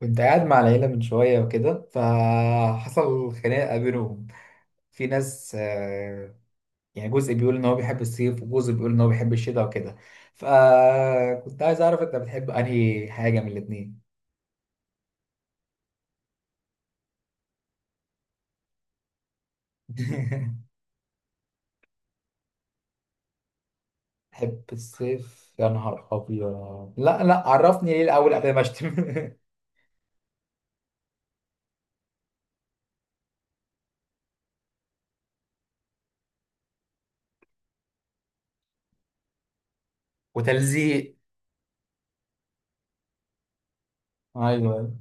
كنت قاعد مع العيلة من شوية وكده فحصل خناقة بينهم. في ناس، يعني جزء بيقول إن هو بيحب الصيف وجزء بيقول إن هو بيحب الشتاء وكده. فكنت عايز أعرف أنت بتحب أنهي حاجة من الاتنين؟ بحب الصيف يا نهار أبيض! لا لا، عرفني ليه الأول قبل ما أشتم. وتلزيق. أيوه أيوه.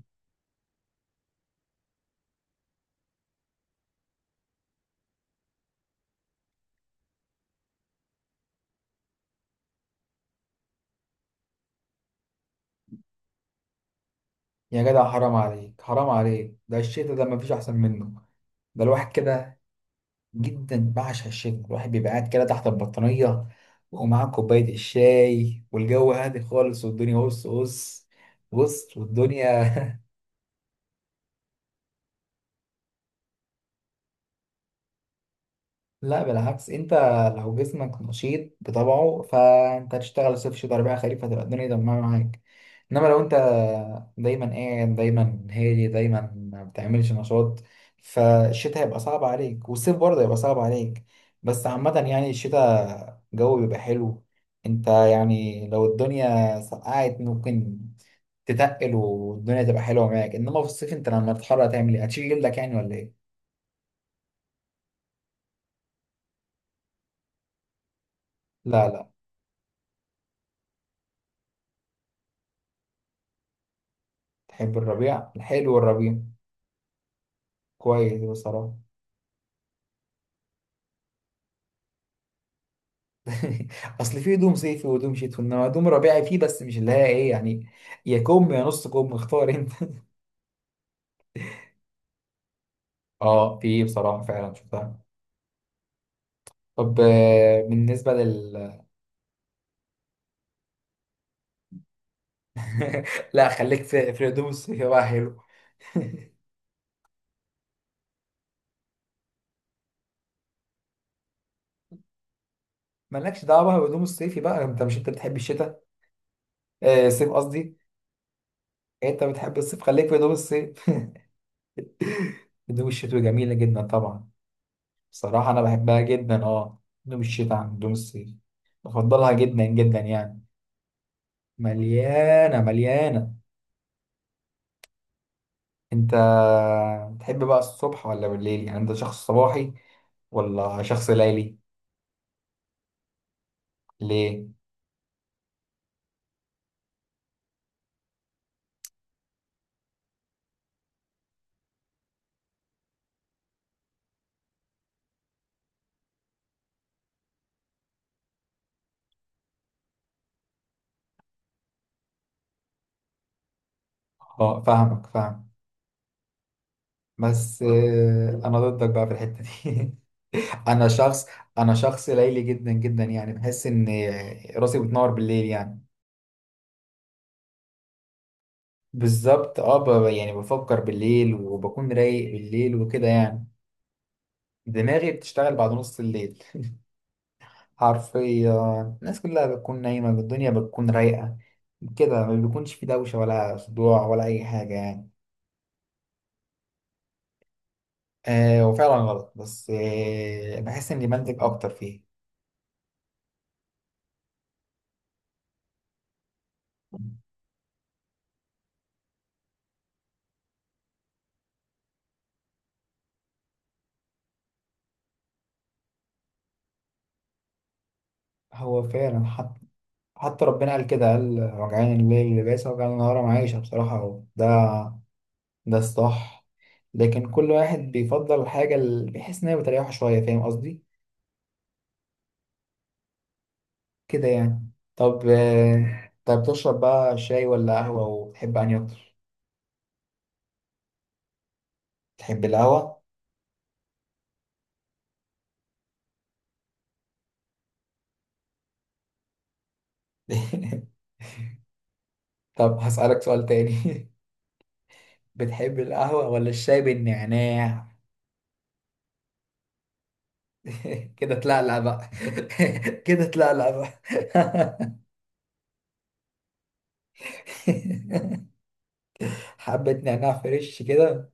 يا جدع، حرام عليك حرام عليك، ده الشتاء ده مفيش أحسن منه. ده الواحد كده جدا بعشق الشتاء، الواحد بيبقى قاعد كده تحت البطانية ومعاه كوباية الشاي والجو هادي خالص والدنيا، بص بص بص، والدنيا. لا بالعكس، انت لو جسمك نشيط بطبعه فانت هتشتغل صيف شتاء ربيع خريف، هتبقى الدنيا تمام معاك. انما لو انت دايما قاعد دايما هادي دايما ما بتعملش نشاط، فالشتاء هيبقى صعب عليك والصيف برضه هيبقى صعب عليك. بس عامة يعني الشتاء الجو بيبقى حلو. انت يعني لو الدنيا سقعت ممكن تتقل والدنيا تبقى حلوة معاك، انما في الصيف انت لما تتحرر هتعمل ايه؟ هتشيل جلدك يعني ولا ايه؟ لا لا. تحب الربيع؟ الحلو والربيع كويس بصراحة. أصل في هدوم صيفي وهدوم شتوي، إنما هدوم ربيعي فيه بس مش اللي هي إيه يعني. يا كم يا نص كم، اختار أنت. أه في بصراحة، فعلا شفتها. طب، آه، بالنسبة لل لا، خليك في الهدوم الصيفي بقى، حلو. مالكش دعوة بهدوم الصيفي بقى. أنت مش أنت بتحب الشتاء؟ آه الصيف قصدي. أنت بتحب الصيف، خليك في هدوم الصيف. هدوم الشتوي جميلة جدا طبعا. بصراحة أنا بحبها جدا، أه، هدوم الشتاء عن هدوم الصيف بفضلها جدا جدا يعني. مليانة مليانة. انت تحب بقى الصبح ولا بالليل؟ يعني انت شخص صباحي ولا شخص ليلي؟ ليه؟ اه فاهمك، فاهم. بس، انا ضدك بقى في الحتة دي. انا شخص انا شخص ليلي جدا جدا، يعني بحس ان راسي بتنور بالليل يعني. بالظبط، اه. يعني بفكر بالليل وبكون رايق بالليل وكده يعني. دماغي بتشتغل بعد نص الليل، حرفيا. الناس كلها بتكون نايمة، الدنيا بتكون رايقة، كده ما بيكونش في دوشة ولا صداع ولا أي حاجة يعني. آه هو فعلا غلط، بس آه بحس إني بنتج أكتر فيه. هو فعلا، حتى ربنا قال كده، قال وجعان الليل لباسا وجعان النهار معيشة. بصراحة هو ده ده الصح. لكن كل واحد بيفضل الحاجة اللي بيحس إن هي بتريحه شوية، فاهم قصدي؟ كده يعني. طب، آه، طب بتشرب بقى شاي ولا قهوة؟ وبتحب أنهي أكتر؟ تحب القهوة؟ طب هسألك سؤال تاني. بتحب القهوة ولا الشاي بالنعناع؟ كده تلقلق بقى. كده تلقلق بقى. حبة نعناع فريش كده.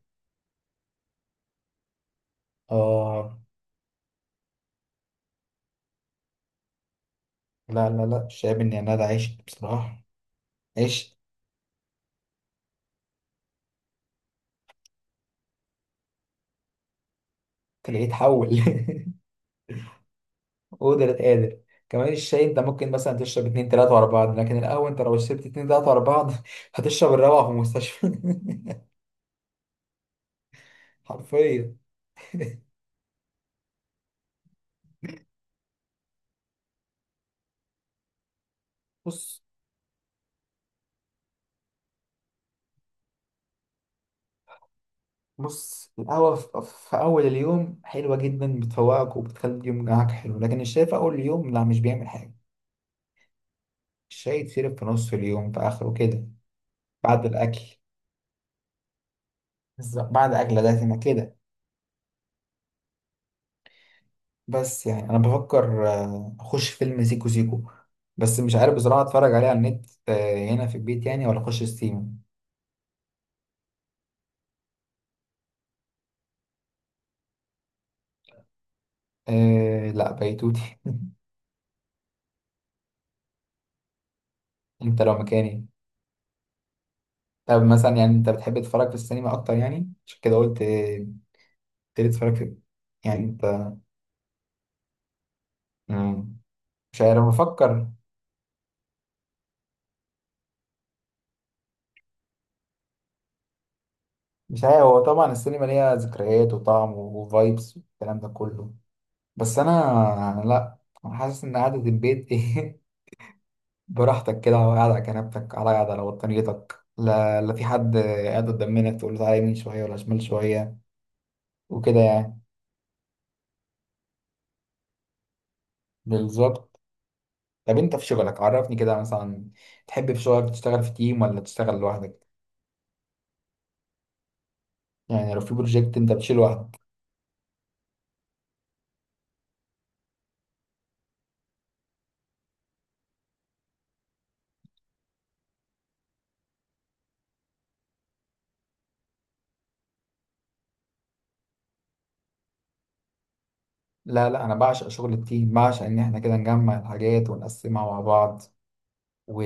اه. لا لا لا، الشاي بالنعناع ده عشت بصراحة، عشت. تلاقيه اتحول. قدرة قادر. كمان الشاي انت ممكن مثلا تشرب اتنين تلاتة ورا بعض، لكن القهوة انت لو شربت اتنين تلاتة ورا بعض هتشرب الروعة في المستشفى. حرفيا. بص بص، القهوة في في أول اليوم حلوة جدا، بتفوقك وبتخلي اليوم معاك حلو، لكن الشاي في أول اليوم لا مش بيعمل حاجة. الشاي يتشرب في نص اليوم، في آخره كده، بعد الأكل، بس بعد أكلة دسمة كده. بس يعني أنا بفكر، أخش فيلم سيكو سيكو، بس مش عارف بصراحة أتفرج عليه على النت، هنا في البيت يعني، ولا أخش ستيم. أه لا بيتوتي. أنت لو مكاني. طب مثلا يعني أنت بتحب تتفرج في السينما أكتر؟ يعني عشان كده قلت، تبتدي تتفرج في، يعني أنت. مم. مش عارف، بفكر. مش عارف، هو طبعا السينما ليها ذكريات وطعم وفايبس والكلام ده كله، بس انا أنا لا، انا حاسس ان قعدة البيت ايه، براحتك كده قاعد على كنبتك، على قاعد على بطانيتك، لا لا في حد قاعد قدام منك تقول له تعالى يمين شوية ولا شمال شوية وكده يعني. بالظبط. طب انت في شغلك عرفني كده مثلا، تحب في شغلك تشتغل في تيم ولا تشتغل لوحدك؟ يعني لو في بروجكت انت بتشيله لوحدك؟ لا لا، انا بعشق شغل التيم، بعشق ان احنا كده نجمع الحاجات ونقسمها مع بعض. و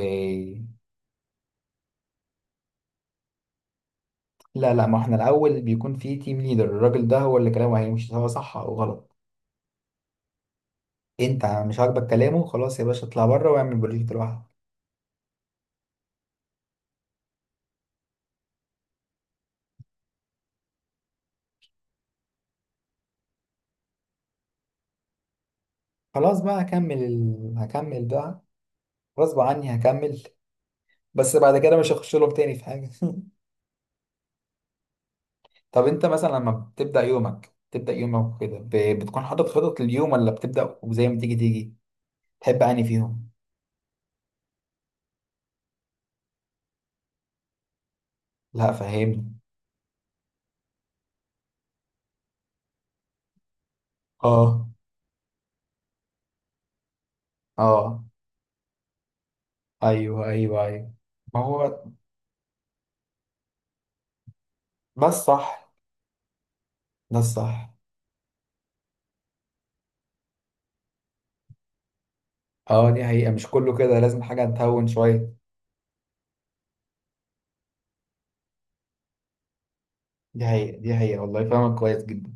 لا لا، ما احنا الاول بيكون في تيم ليدر، الراجل ده هو اللي كلامه هيمشي سواء صح او غلط. انت مش عاجبك كلامه خلاص يا باشا، اطلع بره واعمل بروجكت لوحدك. خلاص بقى هكمل ال... هكمل بقى. غصب عني هكمل. بس بعد كده مش هخش لهم تاني في حاجه. طب انت مثلا لما بتبدا يومك، بتبدا يومك كده ب... بتكون حاطط خطط لليوم ولا بتبدا وزي ما تيجي تيجي؟ تحب اني فيهم. لا فهمني. اه. اه. ايوه ايوه ايوه. ما هو ده الصح ده الصح. اه دي حقيقة، مش كله كده لازم حاجة تهون شوية. دي حقيقة دي حقيقة والله، فاهمك كويس جدا.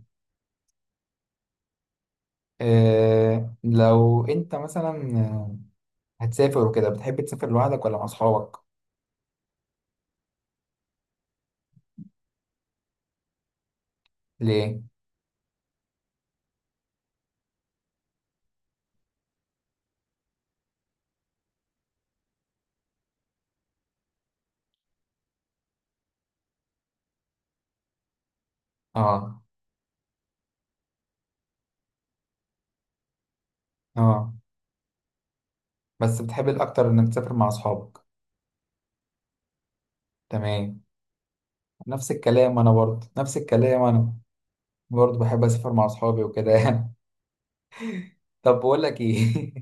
آه لو انت مثلا، هتسافر وكده، بتحب تسافر لوحدك ولا مع اصحابك؟ ليه؟ اه. اه. بس بتحب الاكتر انك تسافر مع اصحابك. تمام. نفس الكلام، انا برضه نفس الكلام، انا برضه بحب اسافر مع اصحابي وكده يعني. طب بقول لك ايه،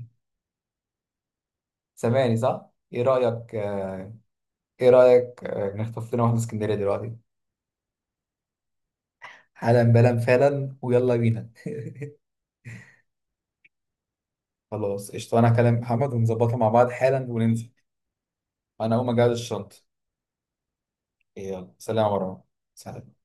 سامعني صح؟ ايه رأيك آه، ايه رأيك آه نخطف لنا واحدة اسكندرية دلوقتي؟ حالا بلا فعلا، ويلا بينا. خلاص قشطة، أنا هكلم محمد ونظبطها مع بعض حالا وننزل. أنا أقوم أجهز الشنطة. يلا سلام يا مروان. سلام.